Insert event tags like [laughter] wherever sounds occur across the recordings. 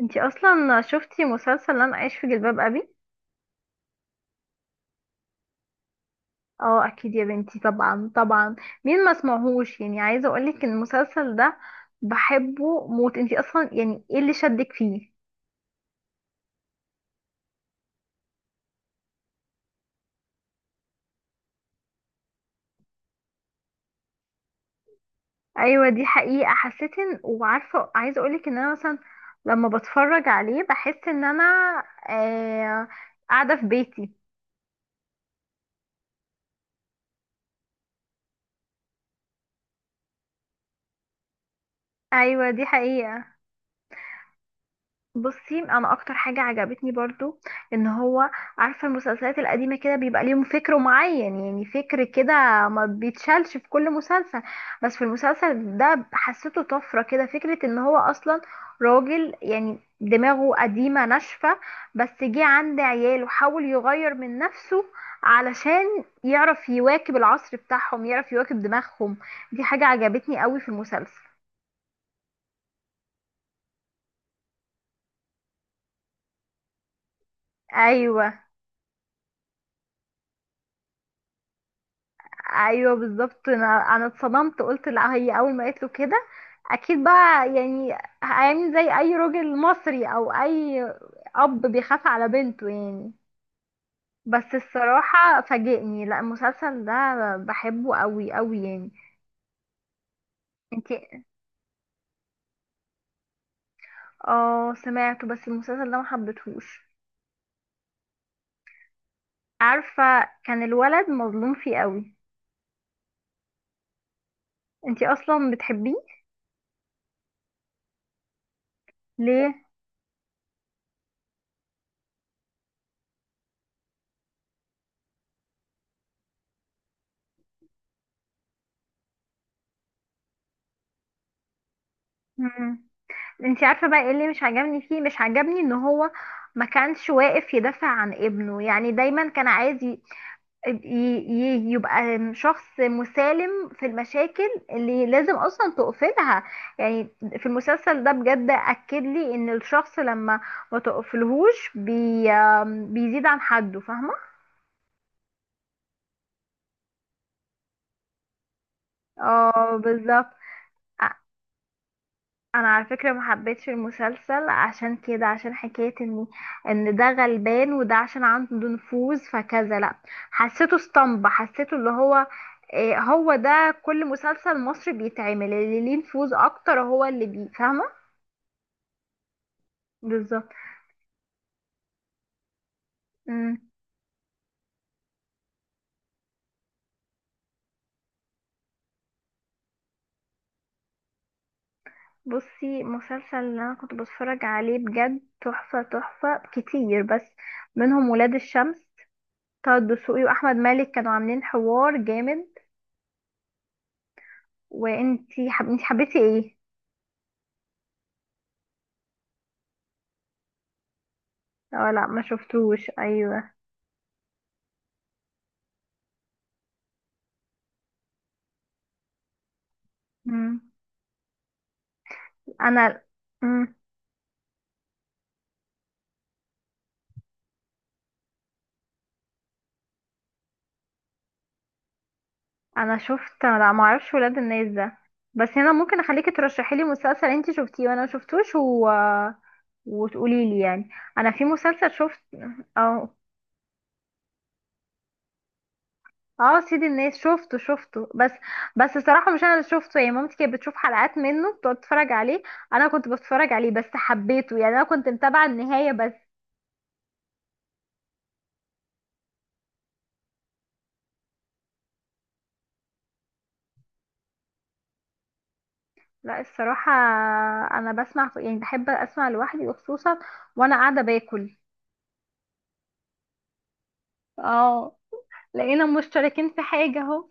انتي اصلا شفتي مسلسل انا عايش في جلباب ابي؟ اه، اكيد يا بنتي، طبعا طبعا. مين ما سمعهوش يعني. عايزه اقولك ان المسلسل ده بحبه موت. انتي اصلا يعني ايه اللي شدك فيه؟ ايوه دي حقيقه، حسيت ان وعارفه، عايزه اقولك ان انا مثلا لما بتفرج عليه بحس ان انا آه قاعده في بيتي. ايوه دي حقيقه. بصي، انا اكتر حاجه عجبتني برضو ان هو، عارفه المسلسلات القديمه كده بيبقى ليهم فكر معين، يعني فكر كده ما بيتشالش في كل مسلسل. بس في المسلسل ده حسيته طفره كده، فكره ان هو اصلا راجل يعني دماغه قديمه ناشفه، بس جه عند عيال وحاول يغير من نفسه علشان يعرف يواكب العصر بتاعهم، يعرف يواكب دماغهم. دي حاجه عجبتني قوي في المسلسل. ايوه، ايوه بالظبط. انا اتصدمت، قلت لا، هي اول ما قالت له كده اكيد بقى يعني هيعمل زي اي راجل مصري، او اي اب بيخاف على بنته يعني. بس الصراحه فاجئني. لا، المسلسل ده بحبه قوي قوي يعني. انتي؟ اه سمعته، بس المسلسل ده ما حبيتهوش. عارفه كان الولد مظلوم فيه قوي. انتي اصلا بتحبيه؟ ليه؟ مم. انتي عارفه بقى ايه اللي مش عجبني فيه؟ مش عجبني ان هو ما كانش واقف يدافع عن ابنه، يعني دايما كان عايز يبقى شخص مسالم في المشاكل اللي لازم اصلا تقفلها يعني. في المسلسل ده بجد اكد لي ان الشخص لما ما تقفلهوش بي بيزيد عن حده، فاهمه؟ اه بالظبط. انا على فكره ما حبيتش المسلسل عشان كده، عشان حكايه ان ده غلبان وده عشان عنده نفوذ فكذا، لا. حسيته اسطمبة، حسيته اللي هو إيه، هو ده كل مسلسل مصري بيتعمل، اللي ليه نفوذ اكتر هو اللي بي، فاهمه؟ بالظبط. أمم. بصي، مسلسل اللي انا كنت بتفرج عليه بجد تحفه تحفه كتير، بس منهم ولاد الشمس. طه الدسوقي واحمد مالك كانوا عاملين حوار جامد. انتي حبيتي ايه؟ اه لا، ما شفتوش. ايوه. مم. انا، مم. انا شفت، لا، ما اعرفش ولاد الناس ده. بس انا ممكن اخليكي ترشحي لي مسلسل انت شفتيه وانا ما شفتوش، وتقولي لي يعني. انا في مسلسل شفت. اه. اه سيد الناس، شفته شفته، بس بس الصراحه مش انا اللي شفته يعني، مامتي كانت بتشوف حلقات منه بتقعد تتفرج عليه. انا كنت بتفرج عليه بس حبيته يعني، انا كنت متابعه النهايه بس. لا الصراحة، أنا بسمع يعني بحب أسمع لوحدي، وخصوصا وأنا قاعدة باكل. اه، لقينا مشتركين في حاجة أهو.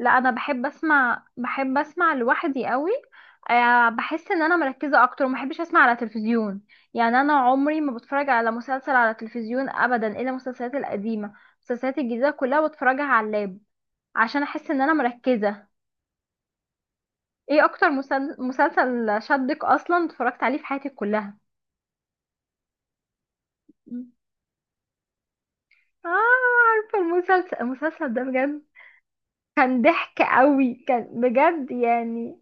لا، أنا بحب أسمع، بحب أسمع لوحدي قوي. بحس إن أنا مركزة أكتر، وما بحبش أسمع على تلفزيون يعني. أنا عمري ما بتفرج على مسلسل على تلفزيون أبدا إلا المسلسلات القديمة. المسلسلات الجديدة كلها بتفرجها على اللاب، عشان أحس إن أنا مركزة. إيه أكتر مسلسل شدك أصلا اتفرجت عليه في حياتك كلها؟ اه، عارفة المسلسل، المسلسل ده بجد كان ضحك قوي، كان بجد يعني.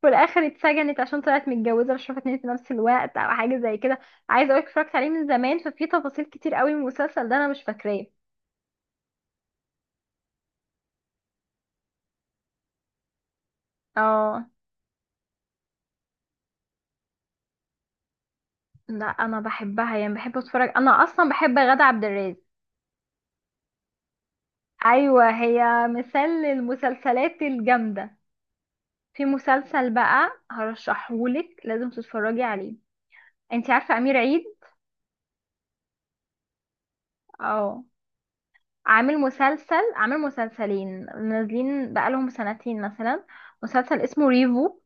في الاخر اتسجنت عشان طلعت متجوزة، مش عارفة اتنين في نفس الوقت او حاجة زي كده. عايزة اقولك اتفرجت عليه من زمان، ففي تفاصيل كتير قوي من المسلسل ده انا مش فاكراه. اه، لا انا بحبها يعني، بحب اتفرج، انا اصلا بحب غادة عبد الرازق. ايوه، هي مثال للمسلسلات الجامدة. في مسلسل بقى هرشحهولك لازم تتفرجي عليه. انتي عارفة امير عيد؟ اه، عامل مسلسل، عامل مسلسلين نازلين بقالهم سنتين مثلا. مسلسل اسمه ريفو.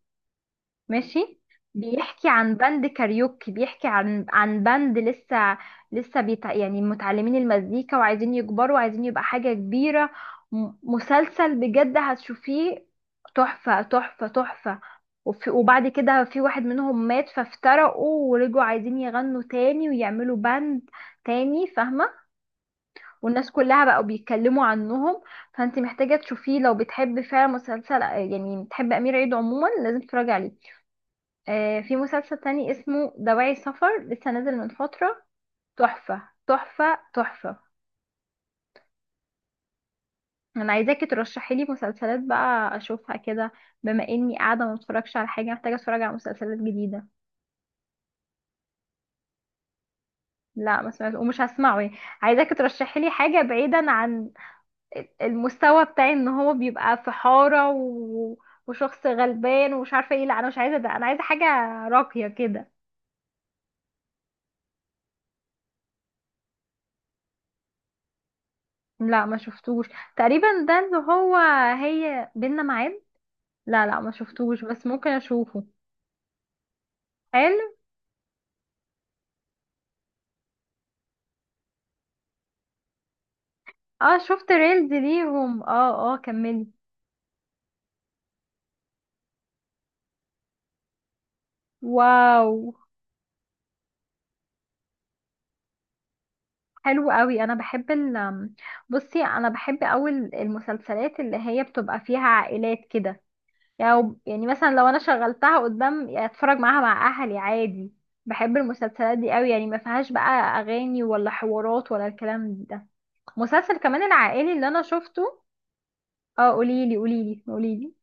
ماشي. بيحكي عن باند كاريوكي، بيحكي عن عن باند لسه، يعني متعلمين المزيكا وعايزين يكبروا وعايزين يبقى حاجة كبيرة. مسلسل بجد هتشوفيه، تحفة تحفة تحفة. وبعد كده في واحد منهم مات، فافترقوا ورجعوا عايزين يغنوا تاني ويعملوا باند تاني، فاهمة؟ والناس كلها بقوا بيتكلموا عنهم. فانت محتاجة تشوفيه، لو بتحب فعلا مسلسل، يعني بتحب أمير عيد عموما لازم تتفرجي عليه. آه، في مسلسل تاني اسمه دواعي سفر لسه نازل من فترة، تحفة تحفة تحفة. انا عايزاكي ترشحي لي مسلسلات بقى اشوفها كده، بما اني قاعده ما بتفرجش على حاجه، محتاجه اتفرج على مسلسلات جديده. لا، ما سمعت ومش هسمعه يعني. عايزاكي ترشحي لي حاجه بعيدا عن المستوى بتاعي، ان هو بيبقى في حارة وشخص غلبان ومش عارفة ايه، لا انا مش عايزة ده، انا عايزة حاجة راقية كده. لا، ما شفتوش. تقريبا ده اللي هو، هي بينا معاد. لا لا ما شفتوش، بس ممكن اشوفه. حلو. اه شفت ريلز ليهم، اه اه كملي. واو. حلو قوي. انا بحب ال بصي انا بحب قوي المسلسلات اللي هي بتبقى فيها عائلات كده يعني. يعني مثلا لو انا شغلتها قدام، يعني اتفرج معاها مع اهلي عادي. بحب المسلسلات دي قوي، يعني ما فيهاش بقى اغاني ولا حوارات ولا الكلام ده. مسلسل كمان العائلي اللي انا شفته. اه قوليلي قوليلي قوليلي.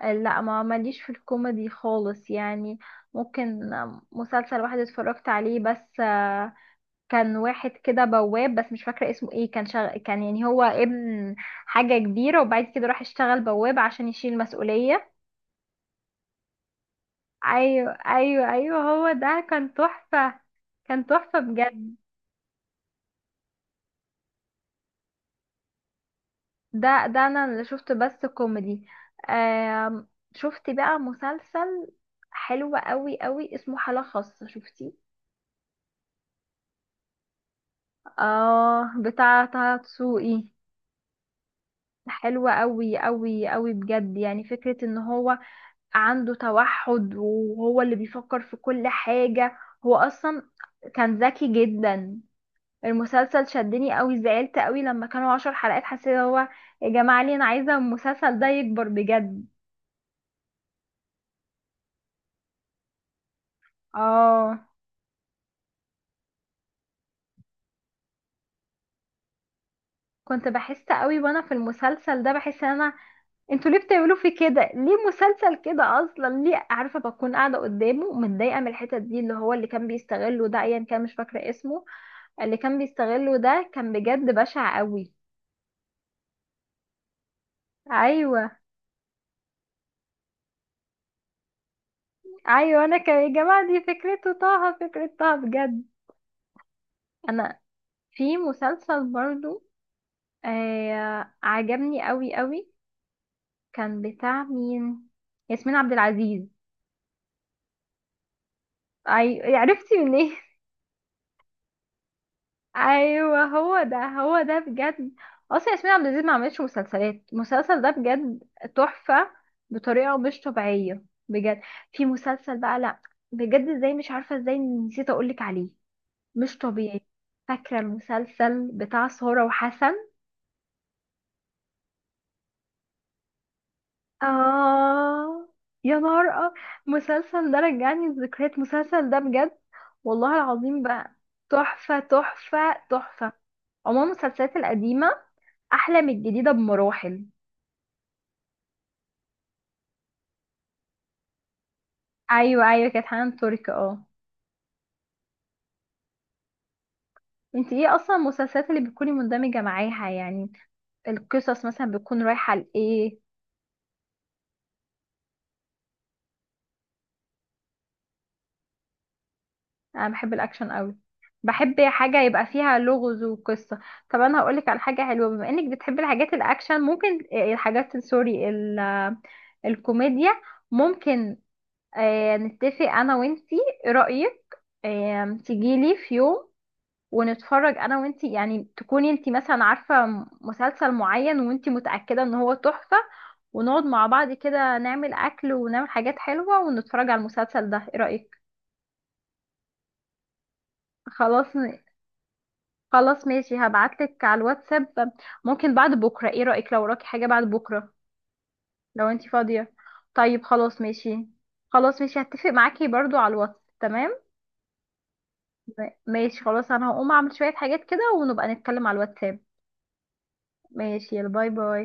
لا ما ماليش في الكوميدي خالص يعني. ممكن مسلسل واحد اتفرجت عليه بس، كان واحد كده بواب، بس مش فاكرة اسمه ايه. كان يعني هو ابن حاجة كبيرة، وبعد كده راح اشتغل بواب عشان يشيل مسؤولية. ايوه ايوه ايوه، هو ده كان تحفة، كان تحفة بجد. ده انا اللي شفت بس كوميدي. آم، شفت بقى مسلسل حلو قوي قوي اسمه حالة خاصة، شفتي؟ اه بتاع طه دسوقي. حلوة قوي قوي قوي بجد، يعني فكرة ان هو عنده توحد وهو اللي بيفكر في كل حاجة. هو اصلا كان ذكي جدا. المسلسل شدني قوي، زعلت قوي لما كانوا عشر حلقات، حسيت هو، يا جماعة ليه، انا عايزة المسلسل ده يكبر بجد. اه، كنت بحس قوي وانا في المسلسل ده، بحس ان انا، انتوا ليه بتعملوا في كده، ليه مسلسل كده اصلا؟ ليه؟ عارفة، بكون قاعدة قدامه متضايقة من الحتت دي، اللي هو اللي كان بيستغله ده، ايا كان مش فاكرة اسمه، اللي كان بيستغله ده كان بجد بشع قوي. ايوه ايوه، انا كان، يا جماعة دي فكرته، طه، فكرة طه بجد. انا في مسلسل برضو آه عجبني قوي قوي، كان بتاع مين؟ ياسمين عبد العزيز. اي يعني عرفتي منين؟ [laughs] ايوه هو ده، هو ده بجد. اصلا ياسمين عبد العزيز ما عملتش مسلسلات، المسلسل ده بجد تحفه، بطريقه مش طبيعيه بجد. في مسلسل بقى، لا بجد ازاي، مش عارفه ازاي نسيت اقولك عليه، مش طبيعي. فاكره المسلسل بتاع سارة وحسن؟ آه، يا نهار المسلسل ده رجعني الذكريات، المسلسل ده بجد والله العظيم بقى، تحفة تحفة تحفة. عموما المسلسلات القديمة أحلى من الجديدة بمراحل. أيوة أيوة، كانت حنان ترك، اه. انت ايه اصلا المسلسلات اللي بتكوني مندمجة معاها يعني، القصص مثلا بتكون رايحة لإيه؟ انا بحب الاكشن قوي، بحب حاجه يبقى فيها لغز وقصه. طب انا هقولك على حاجه حلوه، بما انك بتحبي الحاجات الاكشن، ممكن آه، الحاجات سوري ال- آه، الكوميديا. ممكن نتفق انا وانتي، ايه رايك؟ تجيلي في يوم ونتفرج انا وانتي، يعني تكوني انتي مثلا عارفه مسلسل معين وانتي متاكده ان هو تحفه، ونقعد مع بعض كده، نعمل اكل ونعمل حاجات حلوه ونتفرج على المسلسل ده. ايه رايك؟ خلاص. خلاص ماشي، هبعتلك على الواتساب. ممكن بعد بكرة، ايه رأيك؟ لو وراكي حاجة بعد بكرة، لو انتي فاضية. طيب خلاص ماشي. خلاص ماشي، هتفق معاكي برضو على الواتس، تمام. ماشي خلاص، انا هقوم اعمل شوية حاجات كده، ونبقى نتكلم على الواتساب. ماشي، يلا باي باي.